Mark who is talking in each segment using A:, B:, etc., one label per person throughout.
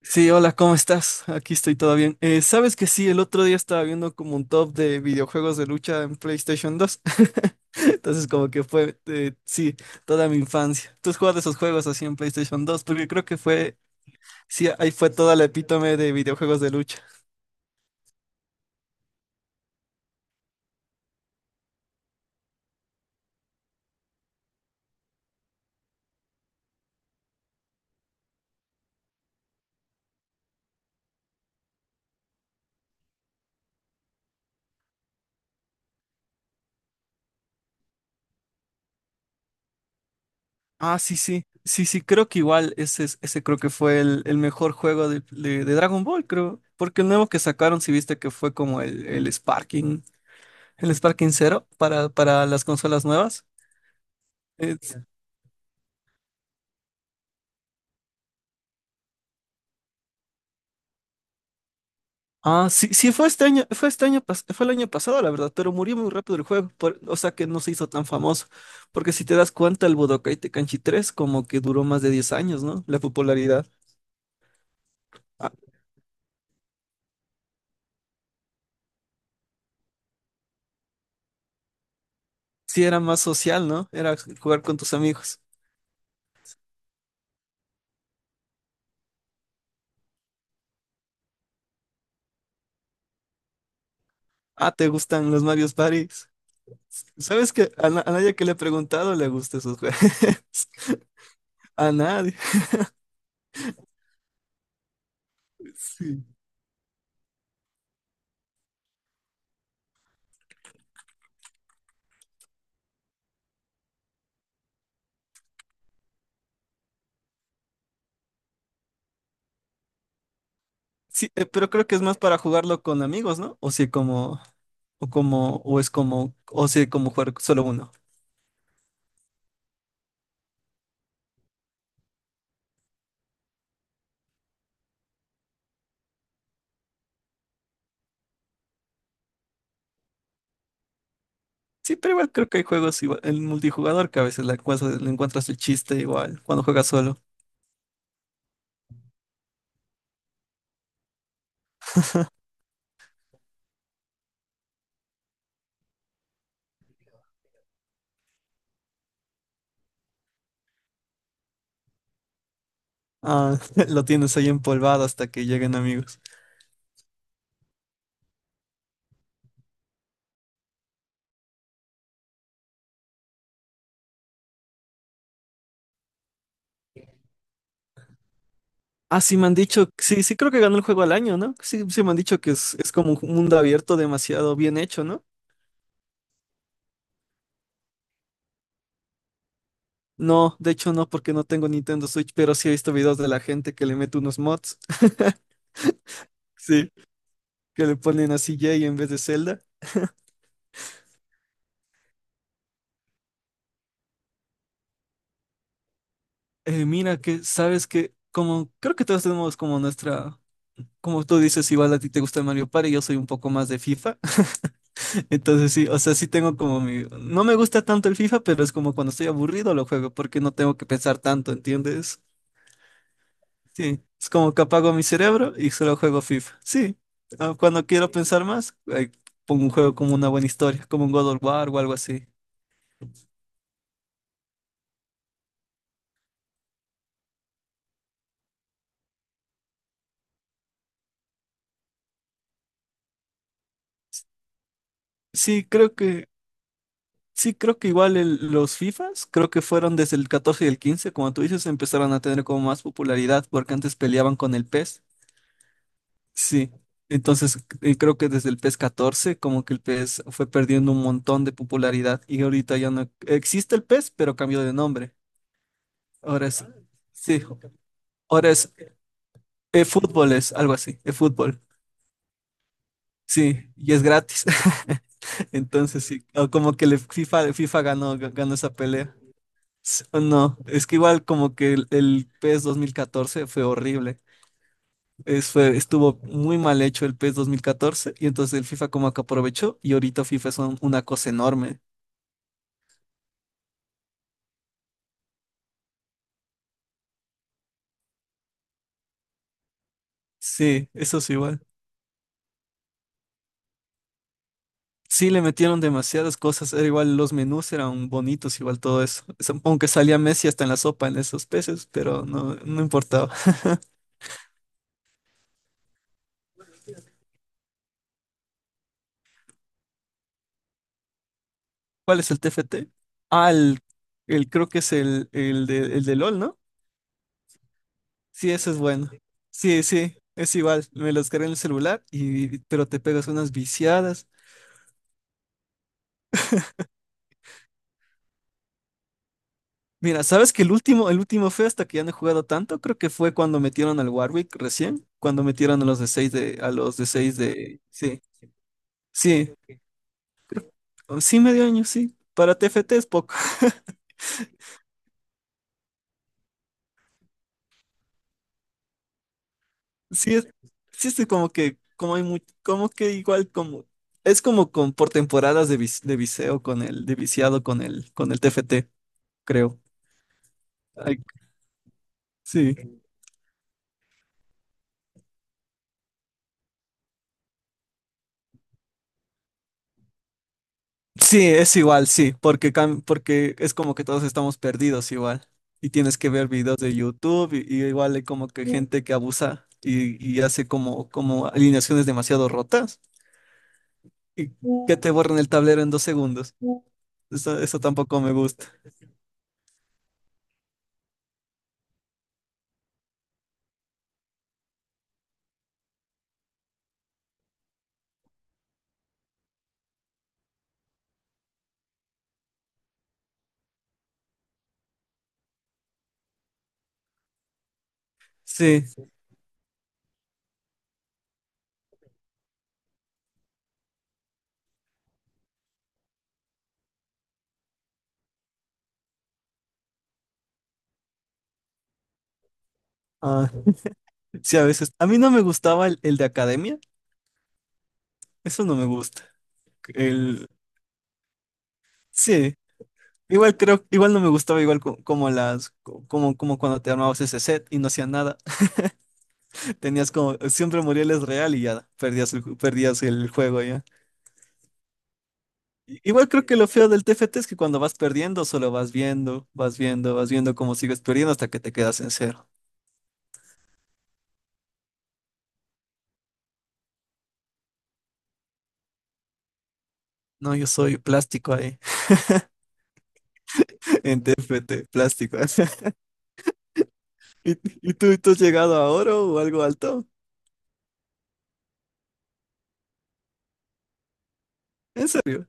A: Sí, hola, ¿cómo estás? Aquí estoy todo bien. ¿Sabes que sí? El otro día estaba viendo como un top de videojuegos de lucha en PlayStation 2. Entonces, como que fue, sí, toda mi infancia. ¿Tú has jugado esos juegos así en PlayStation 2? Porque creo que fue, sí, ahí fue toda la epítome de videojuegos de lucha. Ah, sí, sí, sí, sí, creo que igual ese, ese creo que fue el mejor juego de Dragon Ball, creo. Porque el nuevo que sacaron, si viste que fue como el Sparking Zero para las consolas nuevas. eh, Ah, sí, sí, fue este año, fue este año, fue el año pasado, la verdad, pero murió muy rápido el juego, o sea que no se hizo tan famoso, porque si te das cuenta, el Budokai Tenkaichi 3 como que duró más de 10 años, ¿no? La popularidad. Ah, sí, era más social, ¿no? Era jugar con tus amigos. Ah, ¿te gustan los Mario Party? ¿Sabes que a nadie que le he preguntado le gustan esos juegos? A nadie. Sí. Sí, pero creo que es más para jugarlo con amigos, ¿no? O si como jugar solo uno. Sí, pero igual creo que hay juegos igual, el multijugador que a veces le encuentras el chiste igual cuando juegas solo. Ah, lo tienes ahí empolvado hasta que lleguen amigos. Ah, sí me han dicho, sí, sí creo que ganó el juego al año, ¿no? Sí, sí me han dicho que es como un mundo abierto demasiado bien hecho, ¿no? No, de hecho no, porque no tengo Nintendo Switch, pero sí he visto videos de la gente que le mete unos mods, sí, que le ponen a CJ en vez de Zelda. Mira que, sabes que, como, creo que todos tenemos como nuestra, como tú dices, igual a ti te gusta Mario Party, yo soy un poco más de FIFA. Entonces sí, o sea, sí tengo como mi, no me gusta tanto el FIFA, pero es como cuando estoy aburrido lo juego, porque no tengo que pensar tanto, ¿entiendes? Sí, es como que apago mi cerebro y solo juego FIFA. Sí, cuando quiero pensar más, pongo un juego como una buena historia, como un God of War o algo así. Sí, creo que, sí, creo que igual los FIFAs, creo que fueron desde el 14 y el 15, como tú dices, empezaron a tener como más popularidad porque antes peleaban con el PES. Sí, entonces creo que desde el PES 14 como que el PES fue perdiendo un montón de popularidad y ahorita ya no existe el PES, pero cambió de nombre. Ahora es, sí, ahora es e-fútbol, es algo así, e-fútbol. Sí, y es gratis. Entonces sí, o como que el FIFA ganó esa pelea. S- o No, es que igual como que el PES 2014 fue horrible. Estuvo muy mal hecho el PES 2014 y entonces el FIFA como que aprovechó y ahorita FIFA es una cosa enorme. Sí, eso es igual. Sí, le metieron demasiadas cosas, era igual los menús eran bonitos, igual todo eso. Supongo que salía Messi hasta en la sopa en esos peces, pero no, no importaba. ¿Cuál es el TFT? Ah, creo que es el de LOL, ¿no? Sí, ese es bueno. Sí, sí, es igual. Me lo descargué en el celular y pero te pegas unas viciadas. Mira, ¿sabes que el último fue hasta que ya no he jugado tanto? Creo que fue cuando metieron al Warwick recién, cuando metieron a los de 6 de. Sí. Sí. Sí, medio año, sí. Para TFT es poco. Sí, sí es como que, como hay como que igual como, es como con por temporadas de, de viseo con el, de viciado con el TFT, creo. Ay, sí. Sí, es igual, sí, porque, porque es como que todos estamos perdidos igual. Y tienes que ver videos de YouTube y igual hay como que gente que abusa y hace como alineaciones demasiado rotas y que te borran el tablero en 2 segundos. Eso, eso tampoco me gusta. Sí. ah, Sí, a veces. A mí no me gustaba el de academia. Eso no me gusta. El... Sí. Igual no me gustaba igual como las, como, como cuando te armabas ese set y no hacían nada. Tenías como, siempre Muriel es real y ya perdías perdías el juego ya. Igual creo que lo feo del TFT es que cuando vas perdiendo, solo vas viendo, vas viendo, vas viendo cómo sigues perdiendo hasta que te quedas en cero. No, yo soy plástico ahí, en TFT, plástico. ¿Y, y tú has llegado a oro o algo alto? ¿En serio?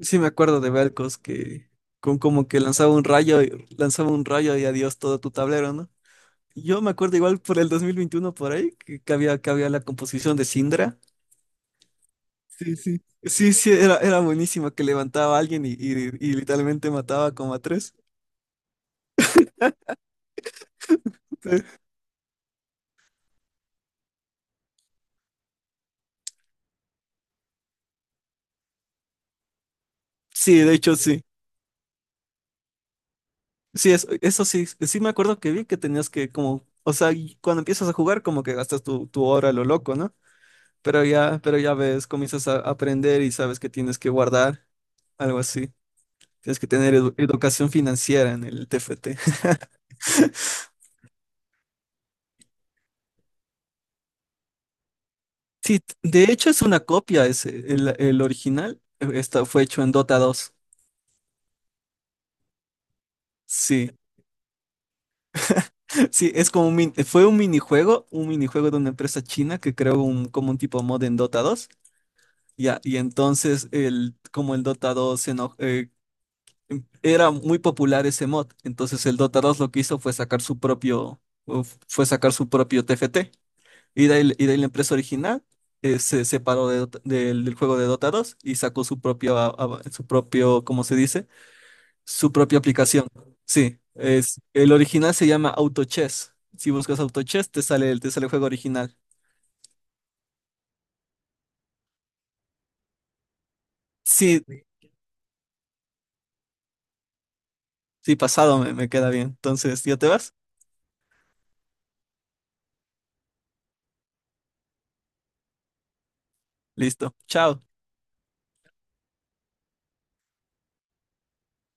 A: Sí, me acuerdo de Velcos que con como que lanzaba un rayo, lanzaba un rayo y adiós todo tu tablero, ¿no? Yo me acuerdo igual por el 2021 por ahí, que había la composición de Syndra. Sí, sí. Sí, sí, era buenísima que levantaba a alguien y literalmente mataba como a tres. Sí, de hecho sí. Sí, eso sí, sí me acuerdo que vi que tenías que como, o sea, y cuando empiezas a jugar como que gastas tu hora a lo loco, ¿no? Pero ya ves, comienzas a aprender y sabes que tienes que guardar, algo así. Tienes que tener educación financiera en el TFT. Sí, sí, de hecho es una copia ese. El original fue hecho en Dota 2. Sí, sí, es como fue un minijuego, de una empresa china que creó como un tipo mod en Dota 2. Ya, y entonces el Dota 2 se era muy popular ese mod, entonces el Dota 2 lo que hizo fue sacar su propio TFT. Y de ahí la empresa original se separó de del juego de Dota 2 y sacó su propio, su propio, ¿cómo se dice? Su propia aplicación. Sí, el original se llama AutoChess. Si buscas AutoChess, te sale el juego original. Sí, sí, pasado me queda bien. Entonces, ¿ya te vas? Listo. Chao.